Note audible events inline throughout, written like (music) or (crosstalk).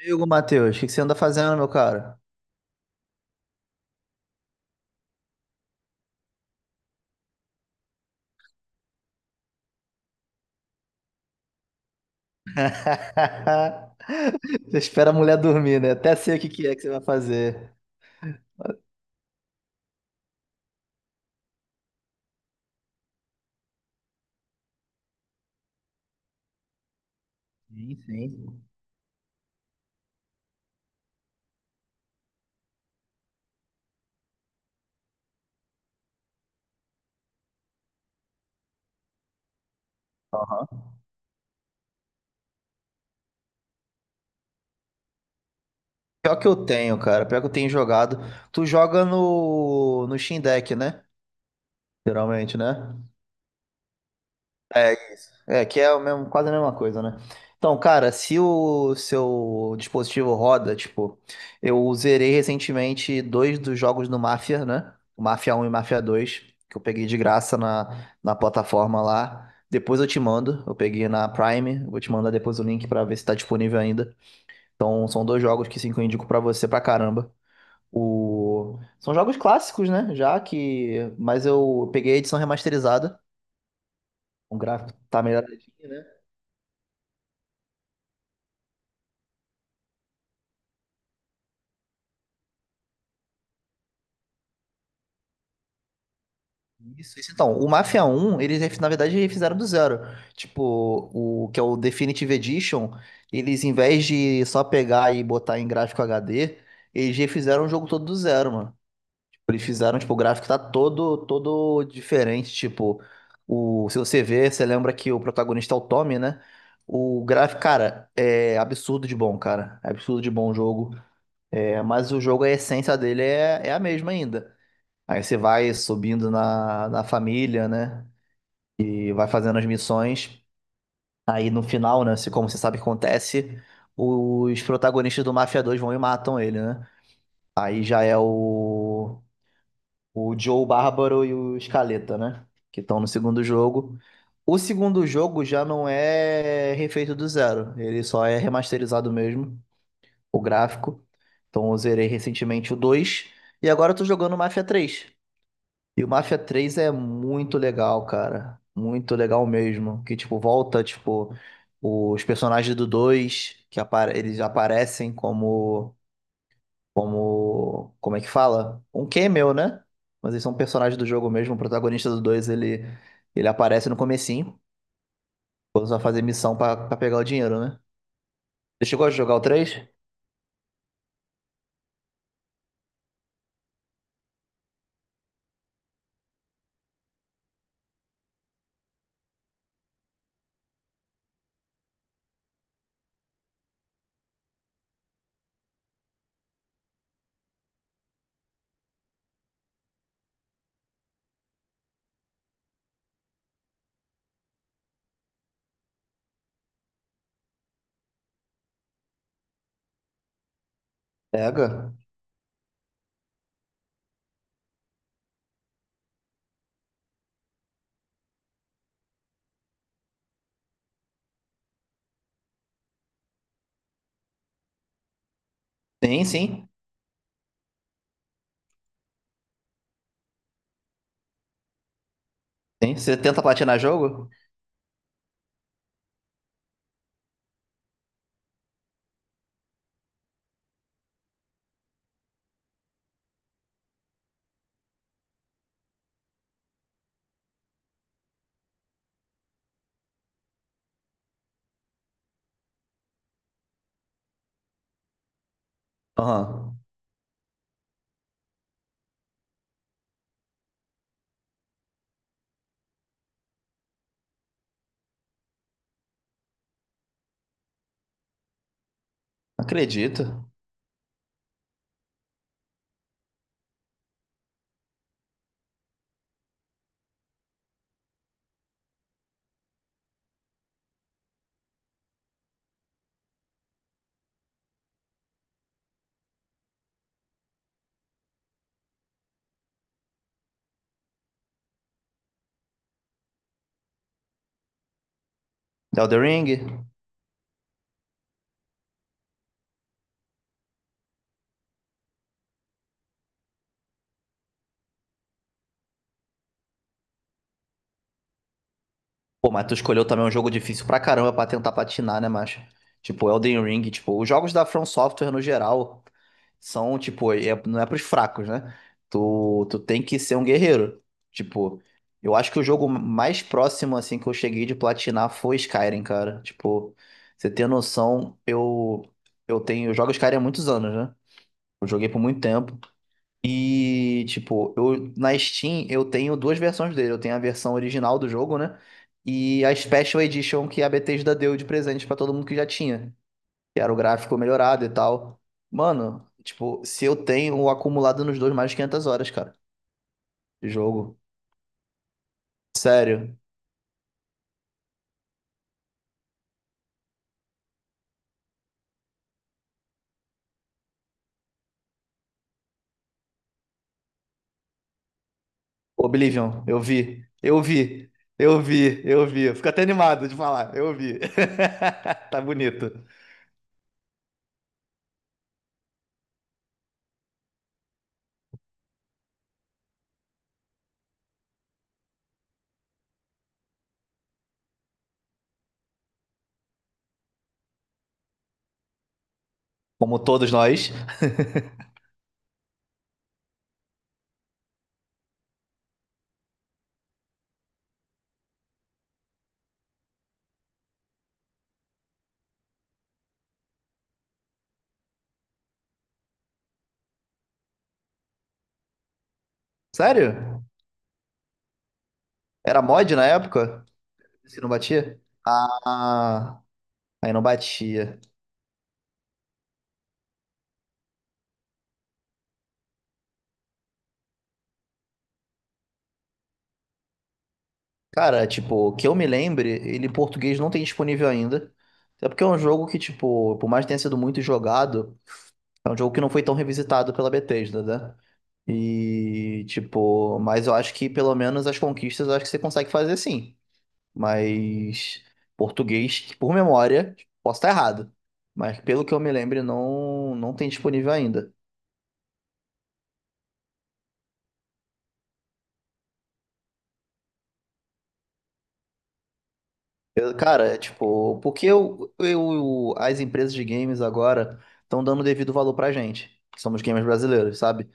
Amigo Matheus, o que que você anda fazendo, meu cara? (laughs) Você espera a mulher dormir, né? Até sei o que que é que você vai fazer. Sim, sim. Pior que eu tenho, cara. Pior que eu tenho jogado. Tu joga no Steam Deck, né? Geralmente, né? É isso. É, que é o mesmo, quase a mesma coisa, né? Então, cara, se o seu dispositivo roda, tipo, eu zerei recentemente dois dos jogos do Mafia, né? O Mafia 1 e o Mafia 2, que eu peguei de graça na plataforma lá. Depois eu te mando, eu peguei na Prime, eu vou te mandar depois o link pra ver se tá disponível ainda. Então, são dois jogos que sim, que eu indico pra você pra caramba. São jogos clássicos, né? Já que. Mas eu peguei a edição remasterizada. O gráfico tá melhor. Isso, isso. Então, o Mafia 1, eles, na verdade, refizeram do zero. Tipo, o que é o Definitive Edition, eles, em vez de só pegar e botar em gráfico HD, eles refizeram o jogo todo do zero, mano. Tipo, eles fizeram, tipo, o gráfico tá todo, todo diferente. Tipo, se você vê, você lembra que o protagonista é o Tommy, né? O gráfico, cara, é absurdo de bom, cara. É absurdo de bom o jogo. É, mas o jogo, a essência dele é a mesma ainda. Aí você vai subindo na família, né? E vai fazendo as missões. Aí no final, né? Como você sabe que acontece, os protagonistas do Mafia 2 vão e matam ele, né? Aí já é o Joe Bárbaro e o Escaleta, né? Que estão no segundo jogo. O segundo jogo já não é refeito do zero, ele só é remasterizado mesmo, o gráfico. Então eu zerei recentemente o 2 e agora eu tô jogando o Mafia 3 e o Mafia 3 é muito legal, cara. Muito legal mesmo. Que, tipo, volta, tipo, os personagens do 2 que apare eles aparecem como, como é que fala? Um cameo, né? Mas eles são personagens do jogo mesmo. O protagonista do 2 ele aparece no comecinho, quando você vai fazer missão pra pegar o dinheiro, né? Você chegou a jogar o três? Pega. Sim, sim. Sim. Você tenta platinar jogo? Aham. Acredito. Elden Ring? Pô, mas tu escolheu também um jogo difícil pra caramba pra tentar platinar, né, macho? Tipo, Elden Ring, tipo, os jogos da From Software no geral são, tipo, não é pros fracos, né? Tu tem que ser um guerreiro. Tipo, eu acho que o jogo mais próximo, assim, que eu cheguei de platinar foi Skyrim, cara. Tipo, você tem noção, eu tenho, eu jogo Skyrim há muitos anos, né? Eu joguei por muito tempo. E, tipo, na Steam eu tenho duas versões dele. Eu tenho a versão original do jogo, né? E a Special Edition que a Bethesda deu de presente pra todo mundo que já tinha. Que era o gráfico melhorado e tal. Mano, tipo, se eu tenho acumulado nos dois mais de 500 horas, cara, de jogo. Sério. Oblivion, eu vi. Eu vi. Eu vi, eu vi. Eu fico até animado de falar. Eu vi. (laughs) Tá bonito. Como todos nós. Sério? Era mod na época? Você não batia? Ah, aí não batia. Cara, tipo, que eu me lembre, ele em português não tem disponível ainda. Até porque é um jogo que, tipo, por mais que tenha sido muito jogado, é um jogo que não foi tão revisitado pela Bethesda, né? E, tipo, mas eu acho que pelo menos as conquistas eu acho que você consegue fazer sim. Mas português, por memória, posso estar errado. Mas pelo que eu me lembro, não, não tem disponível ainda. Cara, é tipo, porque as empresas de games agora estão dando devido valor pra gente, que somos gamers brasileiros, sabe?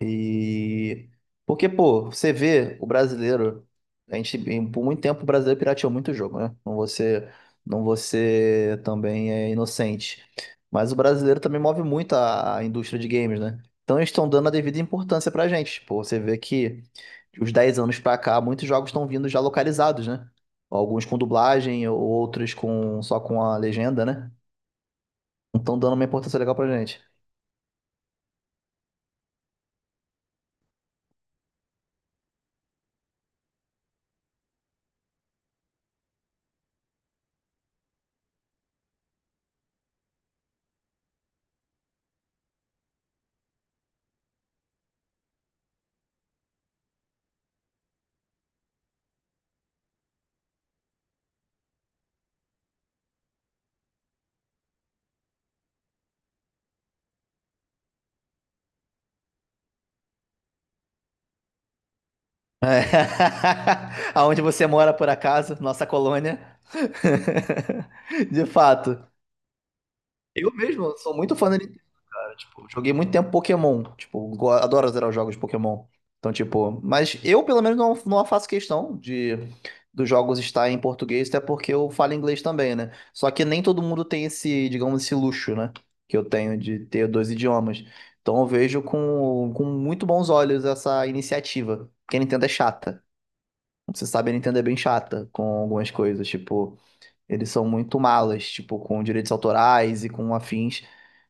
E porque, pô, você vê o brasileiro, a gente por muito tempo o brasileiro pirateou muito jogo, né? Não você, não você também é inocente. Mas o brasileiro também move muito a indústria de games, né? Então eles estão dando a devida importância pra gente. Pô, você vê que de uns 10 anos pra cá, muitos jogos estão vindo já localizados, né? Alguns com dublagem, outros com só com a legenda, né? Então dando uma importância legal pra gente. (laughs) Aonde você mora, por acaso, nossa colônia. (laughs) De fato. Eu mesmo sou muito fã da Nintendo, cara. Tipo, joguei muito tempo Pokémon. Tipo, adoro zerar os jogos de Pokémon. Então, tipo, mas eu pelo menos não faço questão de dos jogos estar em português, até porque eu falo inglês também, né? Só que nem todo mundo tem esse, digamos, esse luxo, né? Que eu tenho de ter dois idiomas. Então eu vejo com muito bons olhos essa iniciativa. Porque a Nintendo é chata. Você sabe, a Nintendo é bem chata com algumas coisas, tipo, eles são muito malas, tipo, com direitos autorais e com afins.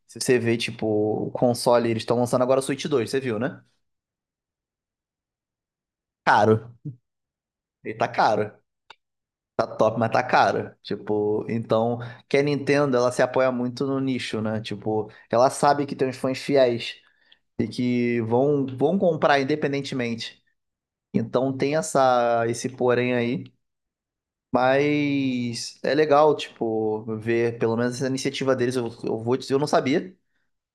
Se você vê, tipo, o console, eles estão lançando agora o Switch 2, você viu, né? Caro. Ele tá caro. Tá top, mas tá caro. Tipo, então, que a Nintendo, ela se apoia muito no nicho, né? Tipo, ela sabe que tem uns fãs fiéis e que vão comprar independentemente. Então tem essa, esse porém aí. Mas é legal, tipo, ver pelo menos essa iniciativa deles. Eu vou dizer, eu não sabia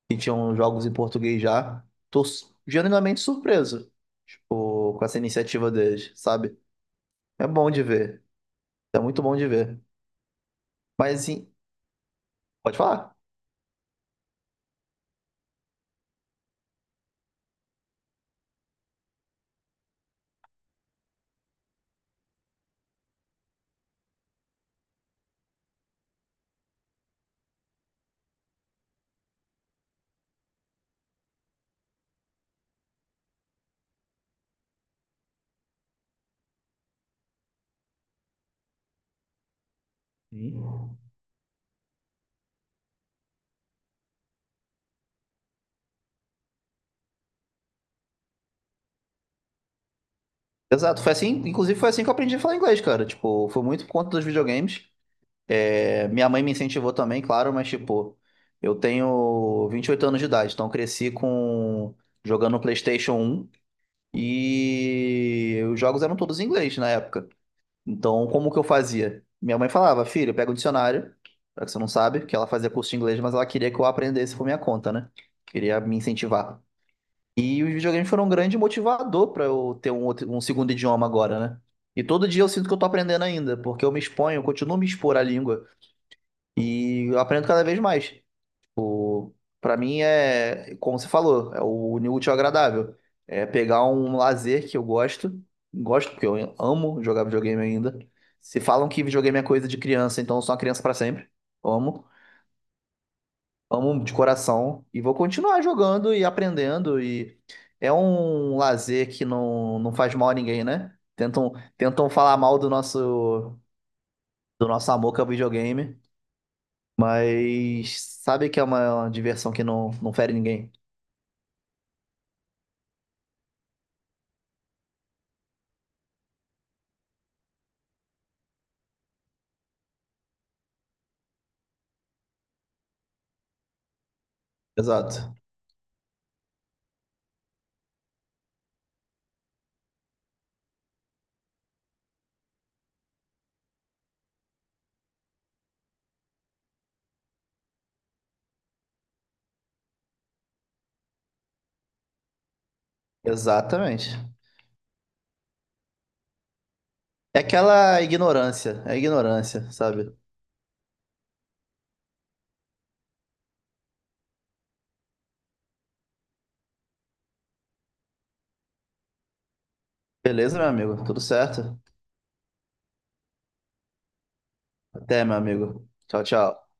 que tinham jogos em português já. Tô genuinamente surpreso, tipo, com essa iniciativa deles, sabe? É bom de ver. É muito bom de ver. Mas, pode falar. Sim. Exato, foi assim, inclusive foi assim que eu aprendi a falar inglês, cara. Tipo, foi muito por conta dos videogames. É, minha mãe me incentivou também, claro, mas tipo, eu tenho 28 anos de idade, então eu cresci com jogando PlayStation 1. E os jogos eram todos em inglês na época. Então, como que eu fazia? Minha mãe falava, filho, pega o dicionário, já que você não sabe, que ela fazia curso de inglês, mas ela queria que eu aprendesse por minha conta, né? Queria me incentivar. E os videogames foram um grande motivador para eu ter um segundo idioma agora, né? E todo dia eu sinto que eu tô aprendendo ainda, porque eu me exponho, eu continuo me expor à língua e eu aprendo cada vez mais. Pra mim é, como você falou, é o unir o útil ao agradável. É pegar um lazer que eu gosto, gosto porque eu amo jogar videogame ainda. Se falam que videogame é coisa de criança, então eu sou uma criança pra sempre. Amo, amo de coração e vou continuar jogando e aprendendo e é um lazer que não faz mal a ninguém, né? Tentam, tentam falar mal do nosso amor que é o videogame, mas sabe que é uma diversão que não fere ninguém. Exato. Exatamente. É aquela ignorância, é ignorância, sabe? Beleza, meu amigo? Tudo certo? Até, meu amigo. Tchau, tchau.